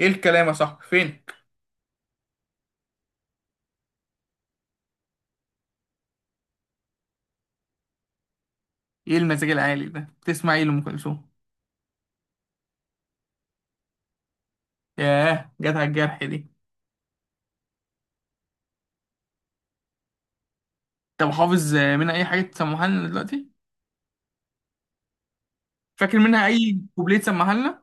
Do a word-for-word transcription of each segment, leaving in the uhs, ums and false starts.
ايه الكلام يا صاحبي؟ فين؟ ايه المزاج العالي ده؟ تسمع ايه لأم كلثوم؟ ياه، جت على الجرح دي. طب حافظ منها اي حاجة تسمعها لنا دلوقتي؟ فاكر منها اي كوبليه تسمعها لنا؟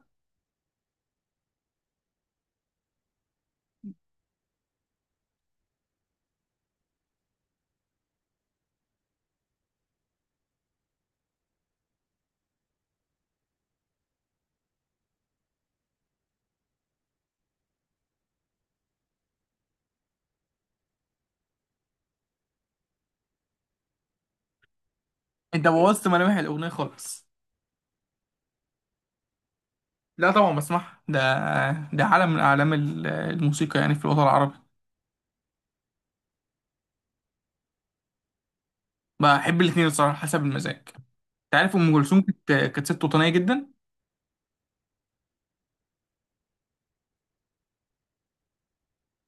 انت بوظت ملامح الأغنية خالص. لا طبعا بسمعها، ده ده عالم من أعلام ال- الموسيقى يعني في الوطن العربي. بحب الاتنين الصراحة، حسب المزاج. انت عارف أم كلثوم كانت كانت ست وطنية جدا.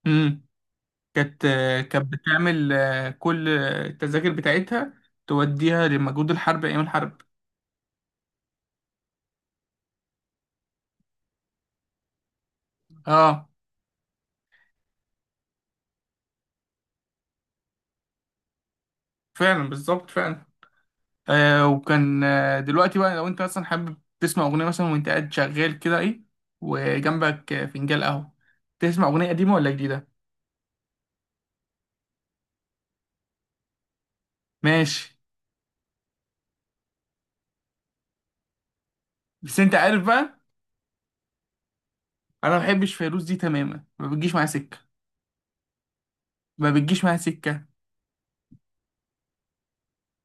امم كانت كانت بتعمل كل التذاكر بتاعتها، توديها لمجهود الحرب أيام الحرب. اه. فعلا بالظبط فعلا. آه وكان آه دلوقتي بقى، لو انت مثلا حابب تسمع اغنيه مثلا وانت قاعد شغال كده، ايه وجنبك آه، فنجان قهوه؟ تسمع اغنيه قديمه ولا جديده؟ ماشي. بس انت عارف بقى. انا ما بحبش فيروز دي تماما، ما بتجيش معايا سكه. ما بتجيش معايا سكه.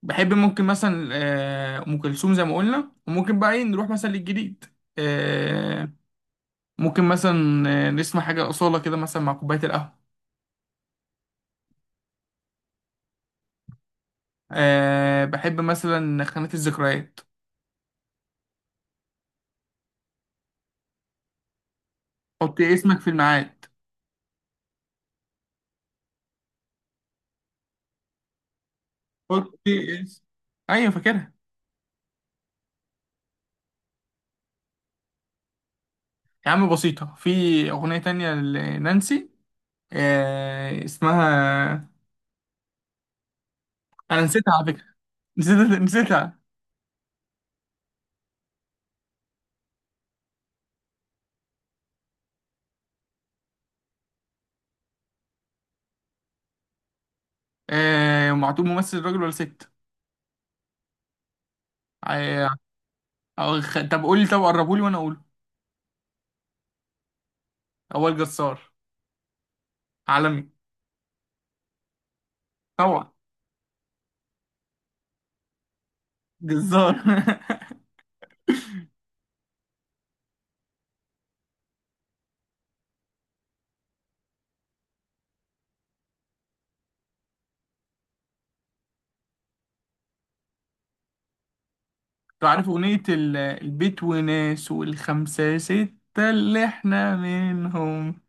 بحب، ممكن مثلا آه، ام كلثوم زي ما قلنا، وممكن بقى ايه نروح مثلا للجديد. آه. ممكن مثلا آه، نسمع حاجه اصاله كده مثلا مع كوبايه القهوه. آه بحب مثلا خانات الذكريات. حطي اسمك في الميعاد. حطي اسم. ايوه فاكرها. يا عم بسيطة، في اغنية تانية لنانسي، آه اسمها. انا نسيتها على فكرة نسيتها نسيتها. آه معتوب ممثل راجل ولا ست؟ آه. أو خ... طب قولي طب قربولي وانا اقوله. اول جزار. عالمي. طبعا. جزار. انتوا عارف اغنية ال- البيت وناس والخمسة ستة اللي احنا منهم.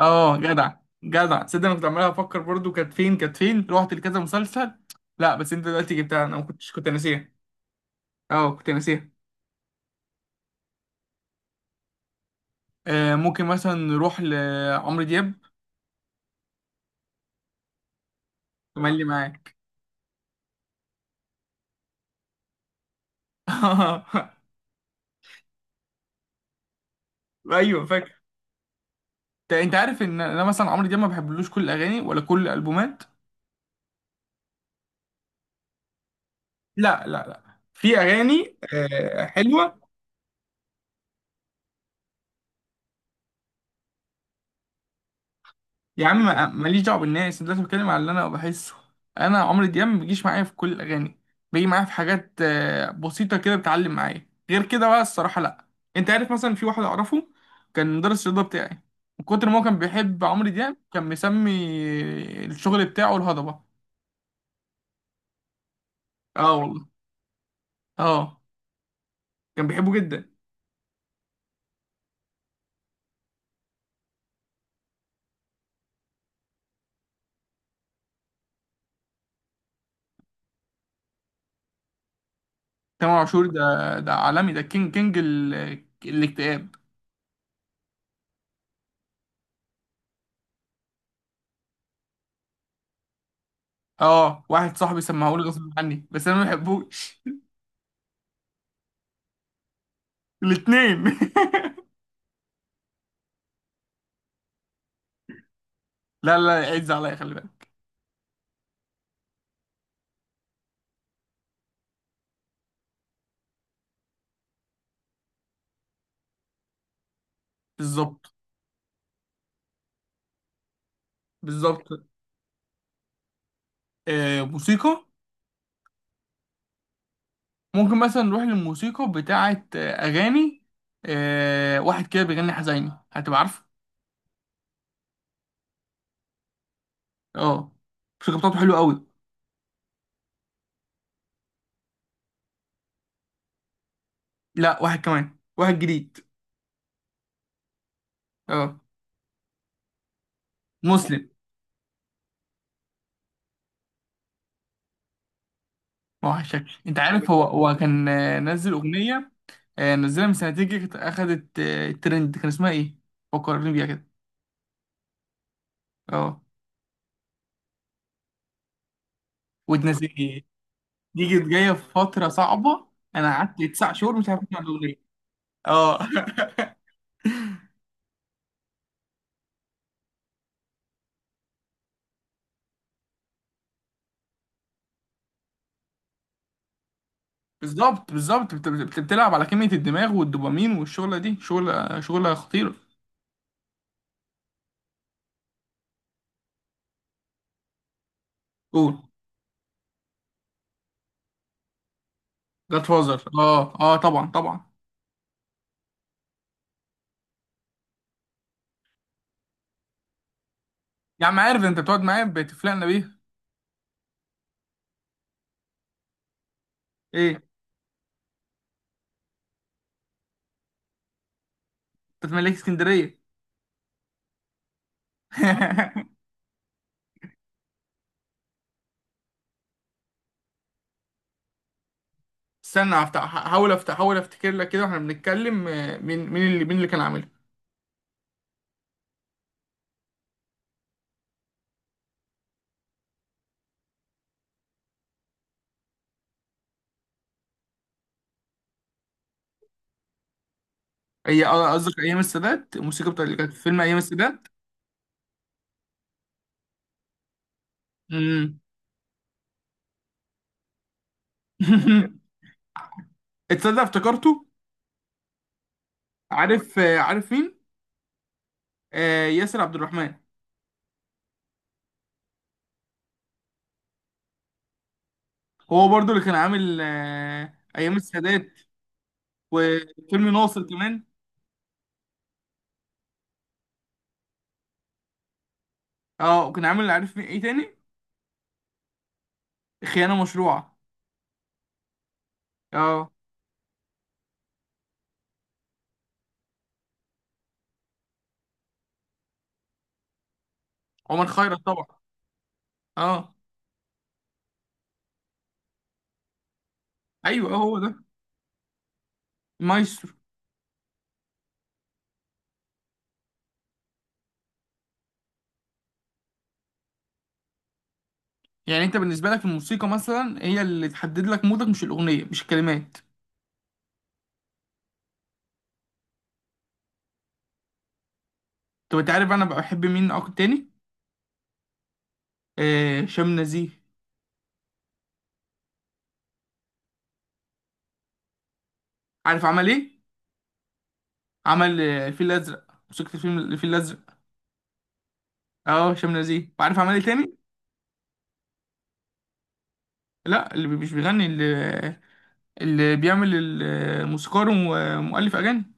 اه، جدع. جدع، تصدق انا كنت عمال افكر برضو، كانت فين كانت فين، رحت لكذا مسلسل. لا بس انت دلوقتي جبتها، انا ما كنتش كنت ناسيها. اه، كنت ناسيها. آه ممكن مثلا نروح لعمرو دياب. تملي معاك. ايوه فاكر. انت أنت عارف ان انا مثلا عمرو دياب ما بحبلوش كل الاغاني ولا كل الالبومات. لا، لا، لا، في اغاني آه، حلوه. يا عم ما- ماليش دعوه بالناس، أنا دلوقتي بتكلم على اللي انا بحسه. انا عمرو دياب ما بيجيش معايا في كل الاغاني. بيجي معايا في حاجات آه، بسيطه كده، بتعلم معايا، غير كده بقى الصراحه لا. انت عارف مثلا في واحد اعرفه، كان مدرس الرياضه بتاعي، من كتر ما هو كان بيحب عمرو دياب كان مسمي الشغل بتاعه الهضبه. اه والله. اه. كان بيحبه جدا. تامر عاشور ده، ده عالمي، ده كينج كينج ال- الاكتئاب. اه، واحد صاحبي سمعهولي غصب عني بس انا ما بحبوش الاتنين لا، لا، لا، عز عليا، خلي بالك. بالظبط. بالظبط. آه، موسيقى. ممكن مثلا نروح للموسيقى بتاعة آه، أغاني. آه واحد كده بيغني حزيني، هتبقى عارفه. اه. الموسيقى بتاعته حلوة قوي. لا، واحد كمان، واحد جديد. اه. مسلم. ما وحشك، انت عارف، هو هو كان آه، نزل أغنية. آه نزلها من سنتين كده، كانت أخدت آه، ترند، كان اسمها إيه؟ فكرني بيها كده. اه، وتنزل. دي كانت جاية في فترة صعبة. أنا قعدت تسع شهور مش عارف أسمع الأغنية. اه بالظبط بالظبط، بت- بت- بتلعب على كمية الدماغ والدوبامين، والشغلة دي شغلة شغلة خطيرة. قول. جاد فازر، اه اه، طبعا طبعا. يا عم، عارف انت بتقعد معايا بتفلقنا بيها. ايه؟ انت ملاك اسكندرية. استنى، هفتح، هحاول افتح، احاول افتكر لك كده واحنا بنتكلم، آه، مين مين اللي مين اللي كان عاملها؟ هي آه، قصدك ايام السادات؟ الموسيقى بتاعت اللي كانت في فيلم ايام السادات. امم. اتصدق افتكرته. عارف آه، عارف مين؟ آه ياسر عبد الرحمن. هو برضو اللي كان عامل آه، ايام السادات وفيلم ناصر كمان. اه، وكان عامل، عارف مين ايه تاني؟ خيانة مشروعة. اه. عمر خيرت طبعا. اه. ايوه اه، هو ده. مايسترو. يعني انت بالنسبة لك، الموسيقى مثلا هي اللي تحدد لك مودك، مش الأغنية مش الكلمات؟ طب انت عارف انا بحب مين اكتر تاني؟ آه هشام نزيه. عارف عمل ايه؟ عمل آه، الفيل الازرق، موسيقى الفيلم الفيل الازرق. اه، هشام نزيه. وعارف عمل ايه تاني؟ لا، اللي مش بيغني، اللي اللي بيعمل ال- الموسيقار، ومؤلف اغاني.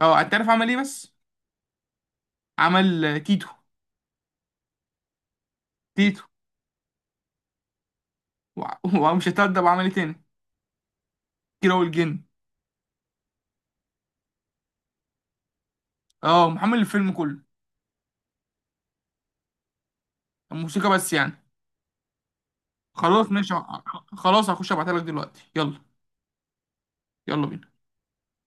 اه، انت عارف عمل ايه بس؟ عمل تيتو. تيتو. وع- ومش هتأدب، عمل ايه تاني؟ كيرة والجن. اه، محمل الفيلم كله. الموسيقى بس يعني. خلاص ماشي، ه- خلاص هخش ابعتها لك دلوقتي، يلا. يلا بينا.